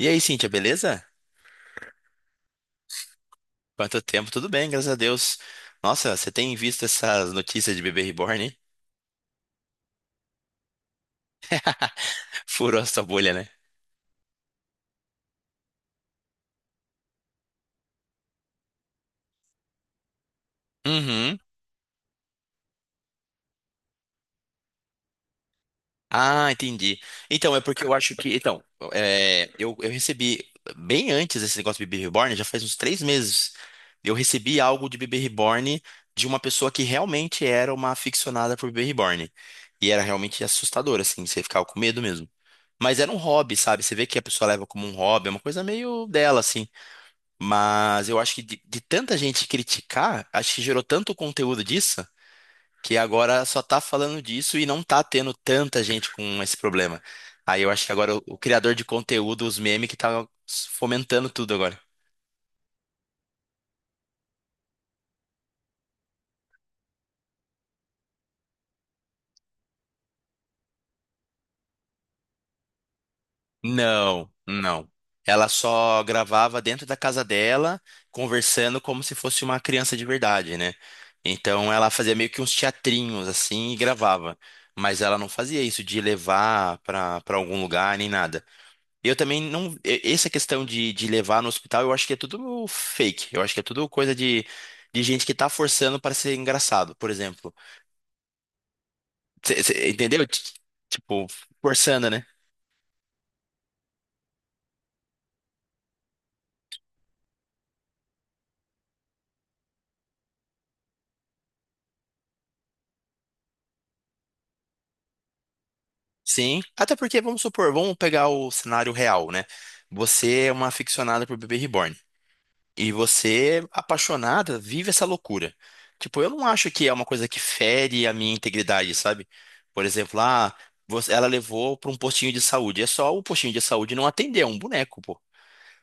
E aí, Cíntia, beleza? Quanto tempo? Tudo bem, graças a Deus. Nossa, você tem visto essas notícias de bebê reborn, hein? Furou a sua bolha, né? Uhum. Ah, entendi. Então, é porque eu acho que. Então, eu recebi, bem antes desse negócio de bebê reborn, já faz uns 3 meses, eu recebi algo de bebê reborn de uma pessoa que realmente era uma aficionada por bebê reborn. E era realmente assustador, assim, você ficava com medo mesmo. Mas era um hobby, sabe? Você vê que a pessoa leva como um hobby, é uma coisa meio dela, assim. Mas eu acho que de tanta gente criticar, acho que gerou tanto conteúdo disso, que agora só tá falando disso e não tá tendo tanta gente com esse problema. Aí eu acho que agora o criador de conteúdo, os memes, que tá fomentando tudo agora. Não, não. Ela só gravava dentro da casa dela, conversando como se fosse uma criança de verdade, né? Então ela fazia meio que uns teatrinhos assim e gravava. Mas ela não fazia isso de levar pra algum lugar nem nada. Eu também não. Essa questão de levar no hospital, eu acho que é tudo fake. Eu acho que é tudo coisa de gente que tá forçando para ser engraçado, por exemplo. Cê entendeu? Tipo, forçando, né? Sim. Até porque, vamos supor, vamos pegar o cenário real, né? Você é uma aficionada por bebê reborn. E você, apaixonada, vive essa loucura. Tipo, eu não acho que é uma coisa que fere a minha integridade, sabe? Por exemplo, ah, ela levou para um postinho de saúde. É só o postinho de saúde não atender, é um boneco, pô.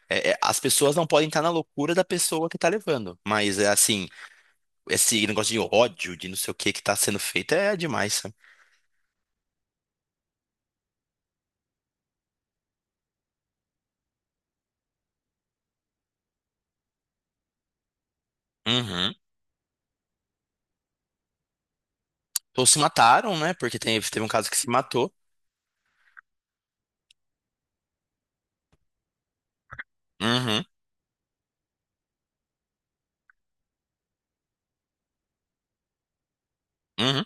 As pessoas não podem estar na loucura da pessoa que tá levando. Mas é assim, esse negócio de ódio, de não sei o que que tá sendo feito é demais, sabe? Uhum. Ou se mataram, né? Porque teve um caso que se matou. Uhum. Uhum.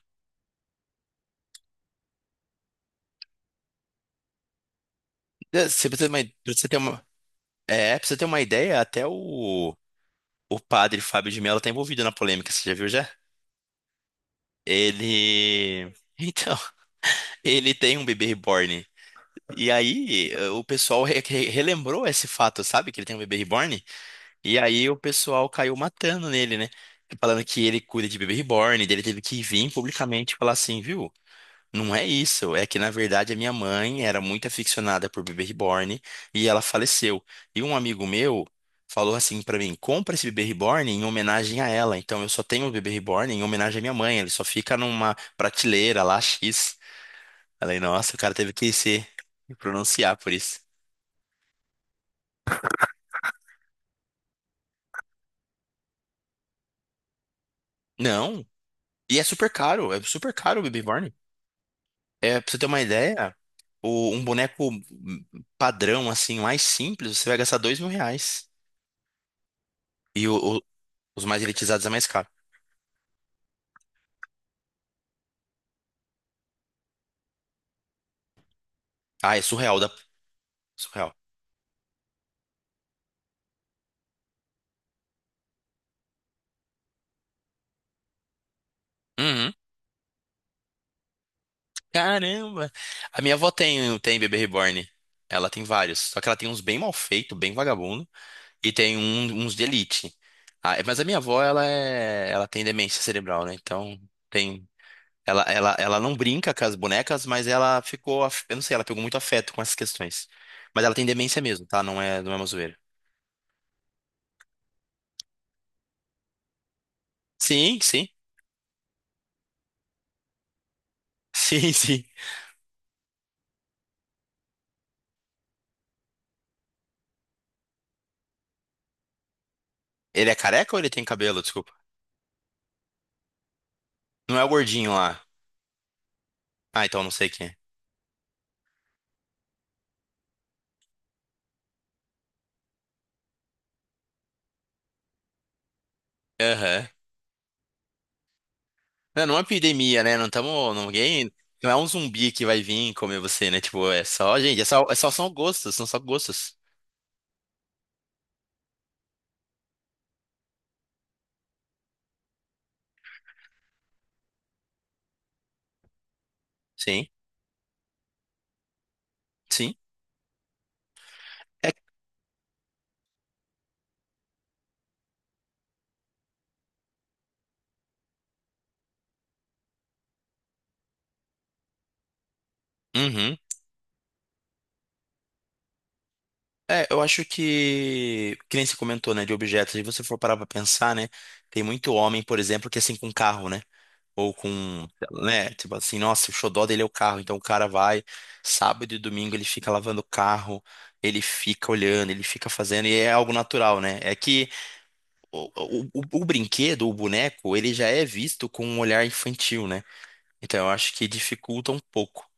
É, você precisa ter uma, pra você ter uma, é, pra você ter uma ideia, até o. O padre Fábio de Mello tá envolvido na polêmica, você já viu já? Ele. Então, ele tem um bebê reborn. E aí, o pessoal relembrou esse fato, sabe? Que ele tem um bebê reborn. E aí, o pessoal caiu matando nele, né? Falando que ele cuida de bebê reborn. Daí ele teve que vir publicamente e falar assim, viu? Não é isso, é que na verdade a minha mãe era muito aficionada por bebê reborn e ela faleceu. E um amigo meu falou assim pra mim: compra esse bebê reborn em homenagem a ela. Então eu só tenho o bebê reborn em homenagem à minha mãe, ele só fica numa prateleira lá X. Falei: nossa, o cara teve que se pronunciar por isso. Não, e é super caro o bebê reborn. É, pra você ter uma ideia, um boneco padrão, assim, mais simples, você vai gastar R$ 2.000. E o, os mais elitizados é mais caro. Ah, é surreal, surreal. Uhum. Caramba! A minha avó tem bebê reborn. Ela tem vários. Só que ela tem uns bem mal feito, bem vagabundo. E tem uns de elite. Ah, mas a minha avó, ela é... Ela tem demência cerebral, né? Então, tem... Ela não brinca com as bonecas, mas ela ficou... Eu não sei, ela pegou muito afeto com essas questões. Mas ela tem demência mesmo, tá? Não é, não é uma zoeira. Sim, sim. Sim, sim. Ele é careca ou ele tem cabelo? Desculpa. Não é o gordinho lá. Ah, então não sei quem é. Aham. Não, não é uma epidemia, né? Não estamos. Ninguém. Não é um zumbi que vai vir comer você, né? Tipo, é só, gente, é só são gostos, são só gostos. Sim, sim. É, uhum. É, eu acho que nem se comentou, né, de objetos, se você for parar pra pensar, né, tem muito homem, por exemplo, que é assim com carro, né, ou com, né, tipo assim, nossa, o xodó dele é o carro, então o cara vai, sábado e domingo ele fica lavando o carro, ele fica olhando, ele fica fazendo, e é algo natural, né, é que o brinquedo, o boneco, ele já é visto com um olhar infantil, né? Então eu acho que dificulta um pouco.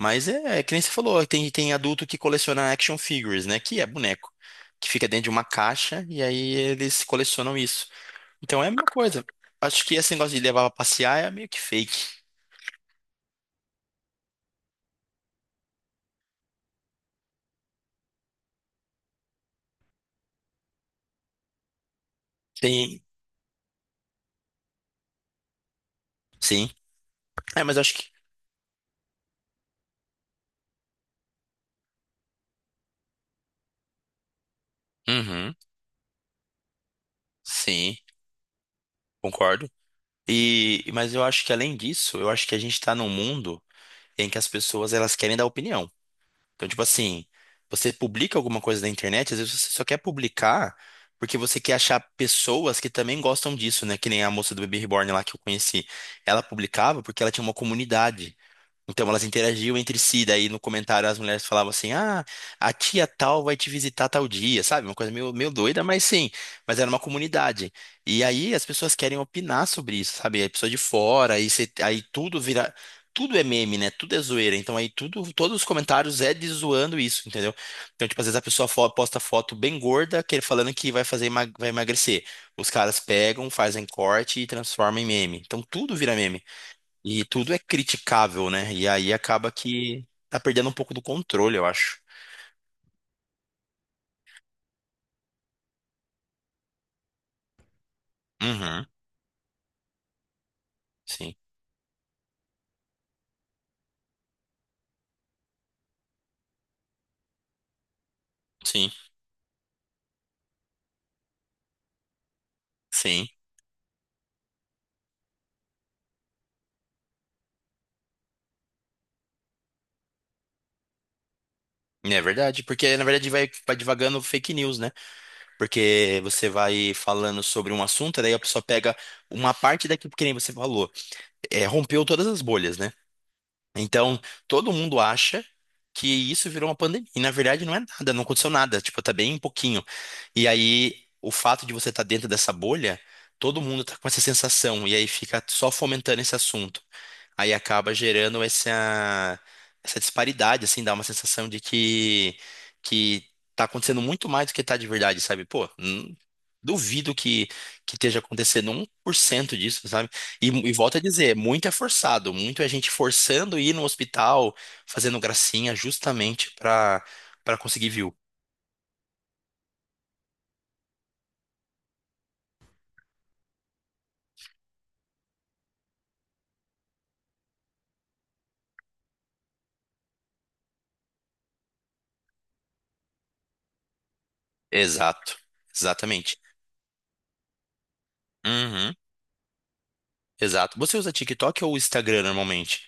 Mas é, é que nem você falou, tem adulto que coleciona action figures, né? Que é boneco. Que fica dentro de uma caixa e aí eles colecionam isso. Então é a mesma coisa. Acho que esse negócio de levar pra passear é meio que fake. Tem, sim. É, mas eu acho que. Uhum, sim, concordo. E, mas eu acho que além disso, eu acho que a gente tá num mundo em que as pessoas elas querem dar opinião. Então, tipo assim, você publica alguma coisa na internet, às vezes você só quer publicar porque você quer achar pessoas que também gostam disso, né? Que nem a moça do Baby Reborn lá que eu conheci. Ela publicava porque ela tinha uma comunidade. Então elas interagiam entre si, daí no comentário as mulheres falavam assim: "Ah, a tia tal vai te visitar tal dia", sabe? Uma coisa meio, meio doida, mas sim, mas era uma comunidade. E aí as pessoas querem opinar sobre isso, sabe? A pessoa de fora, aí, aí tudo vira, tudo é meme, né? Tudo é zoeira. Então aí tudo, todos os comentários é de zoando isso, entendeu? Então, tipo, às vezes a pessoa posta foto bem gorda, que ele falando que vai fazer, vai emagrecer. Os caras pegam, fazem corte e transformam em meme. Então tudo vira meme. E tudo é criticável, né? E aí acaba que tá perdendo um pouco do controle, eu acho. Uhum. Sim, sim, sim. É verdade, porque na verdade vai, vai divagando fake news, né? Porque você vai falando sobre um assunto, daí a pessoa pega uma parte daquilo que nem você falou. É, rompeu todas as bolhas, né? Então, todo mundo acha que isso virou uma pandemia. E na verdade não é nada, não aconteceu nada, tipo, tá bem pouquinho. E aí, o fato de você estar dentro dessa bolha, todo mundo tá com essa sensação e aí fica só fomentando esse assunto. Aí acaba gerando essa, essa disparidade, assim, dá uma sensação de que tá acontecendo muito mais do que tá de verdade, sabe? Pô, duvido que esteja acontecendo 1% disso, sabe? E volto a dizer, muito é forçado, muito é gente forçando ir no hospital, fazendo gracinha justamente pra, pra conseguir view. Exato, exatamente. Uhum, exato. Você usa TikTok ou Instagram normalmente?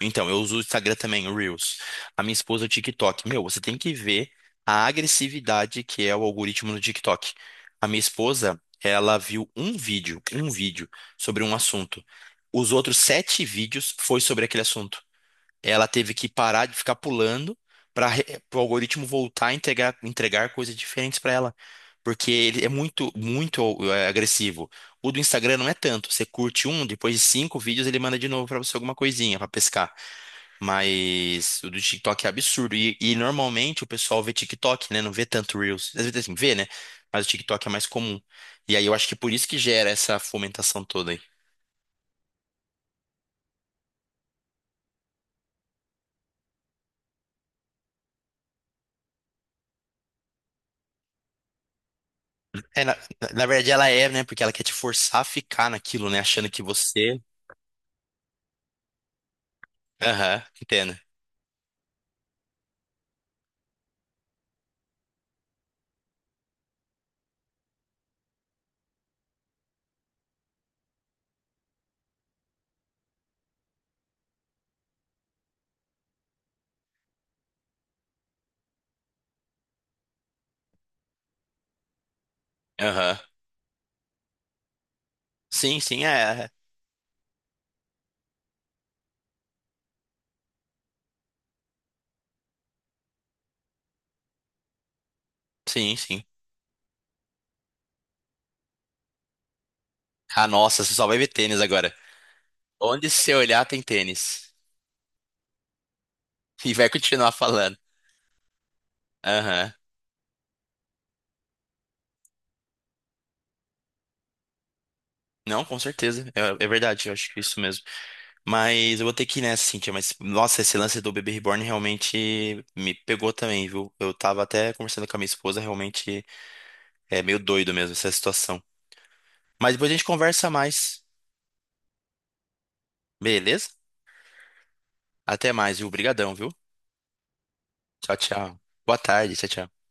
Então, eu uso o Instagram também, o Reels. A minha esposa, é o TikTok. Meu, você tem que ver a agressividade que é o algoritmo no TikTok. A minha esposa, ela viu um vídeo sobre um assunto. Os outros 7 vídeos foi sobre aquele assunto. Ela teve que parar de ficar pulando para o algoritmo voltar a entregar, entregar coisas diferentes para ela. Porque ele é muito, muito agressivo. O do Instagram não é tanto. Você curte um, depois de 5 vídeos ele manda de novo para você alguma coisinha para pescar. Mas o do TikTok é absurdo. E normalmente o pessoal vê TikTok, né? Não vê tanto Reels. Às vezes assim, vê, né? Mas o TikTok é mais comum. E aí eu acho que por isso que gera essa fomentação toda aí. É, na verdade ela é, né? Porque ela quer te forçar a ficar naquilo, né? Achando que você. Aham, entendo. Aham. Sim, sim, é. Sim, sim. Ah, nossa, você só vai ver tênis agora. Onde você olhar tem tênis. E vai continuar falando. Aham. Não, com certeza. É verdade, eu acho que é isso mesmo. Mas eu vou ter que ir nessa, Cintia. Mas, nossa, esse lance do bebê reborn realmente me pegou também, viu? Eu tava até conversando com a minha esposa, realmente é meio doido mesmo essa situação. Mas depois a gente conversa mais, beleza? Até mais, viu? Obrigadão, viu? Tchau, tchau. Boa tarde, tchau, tchau.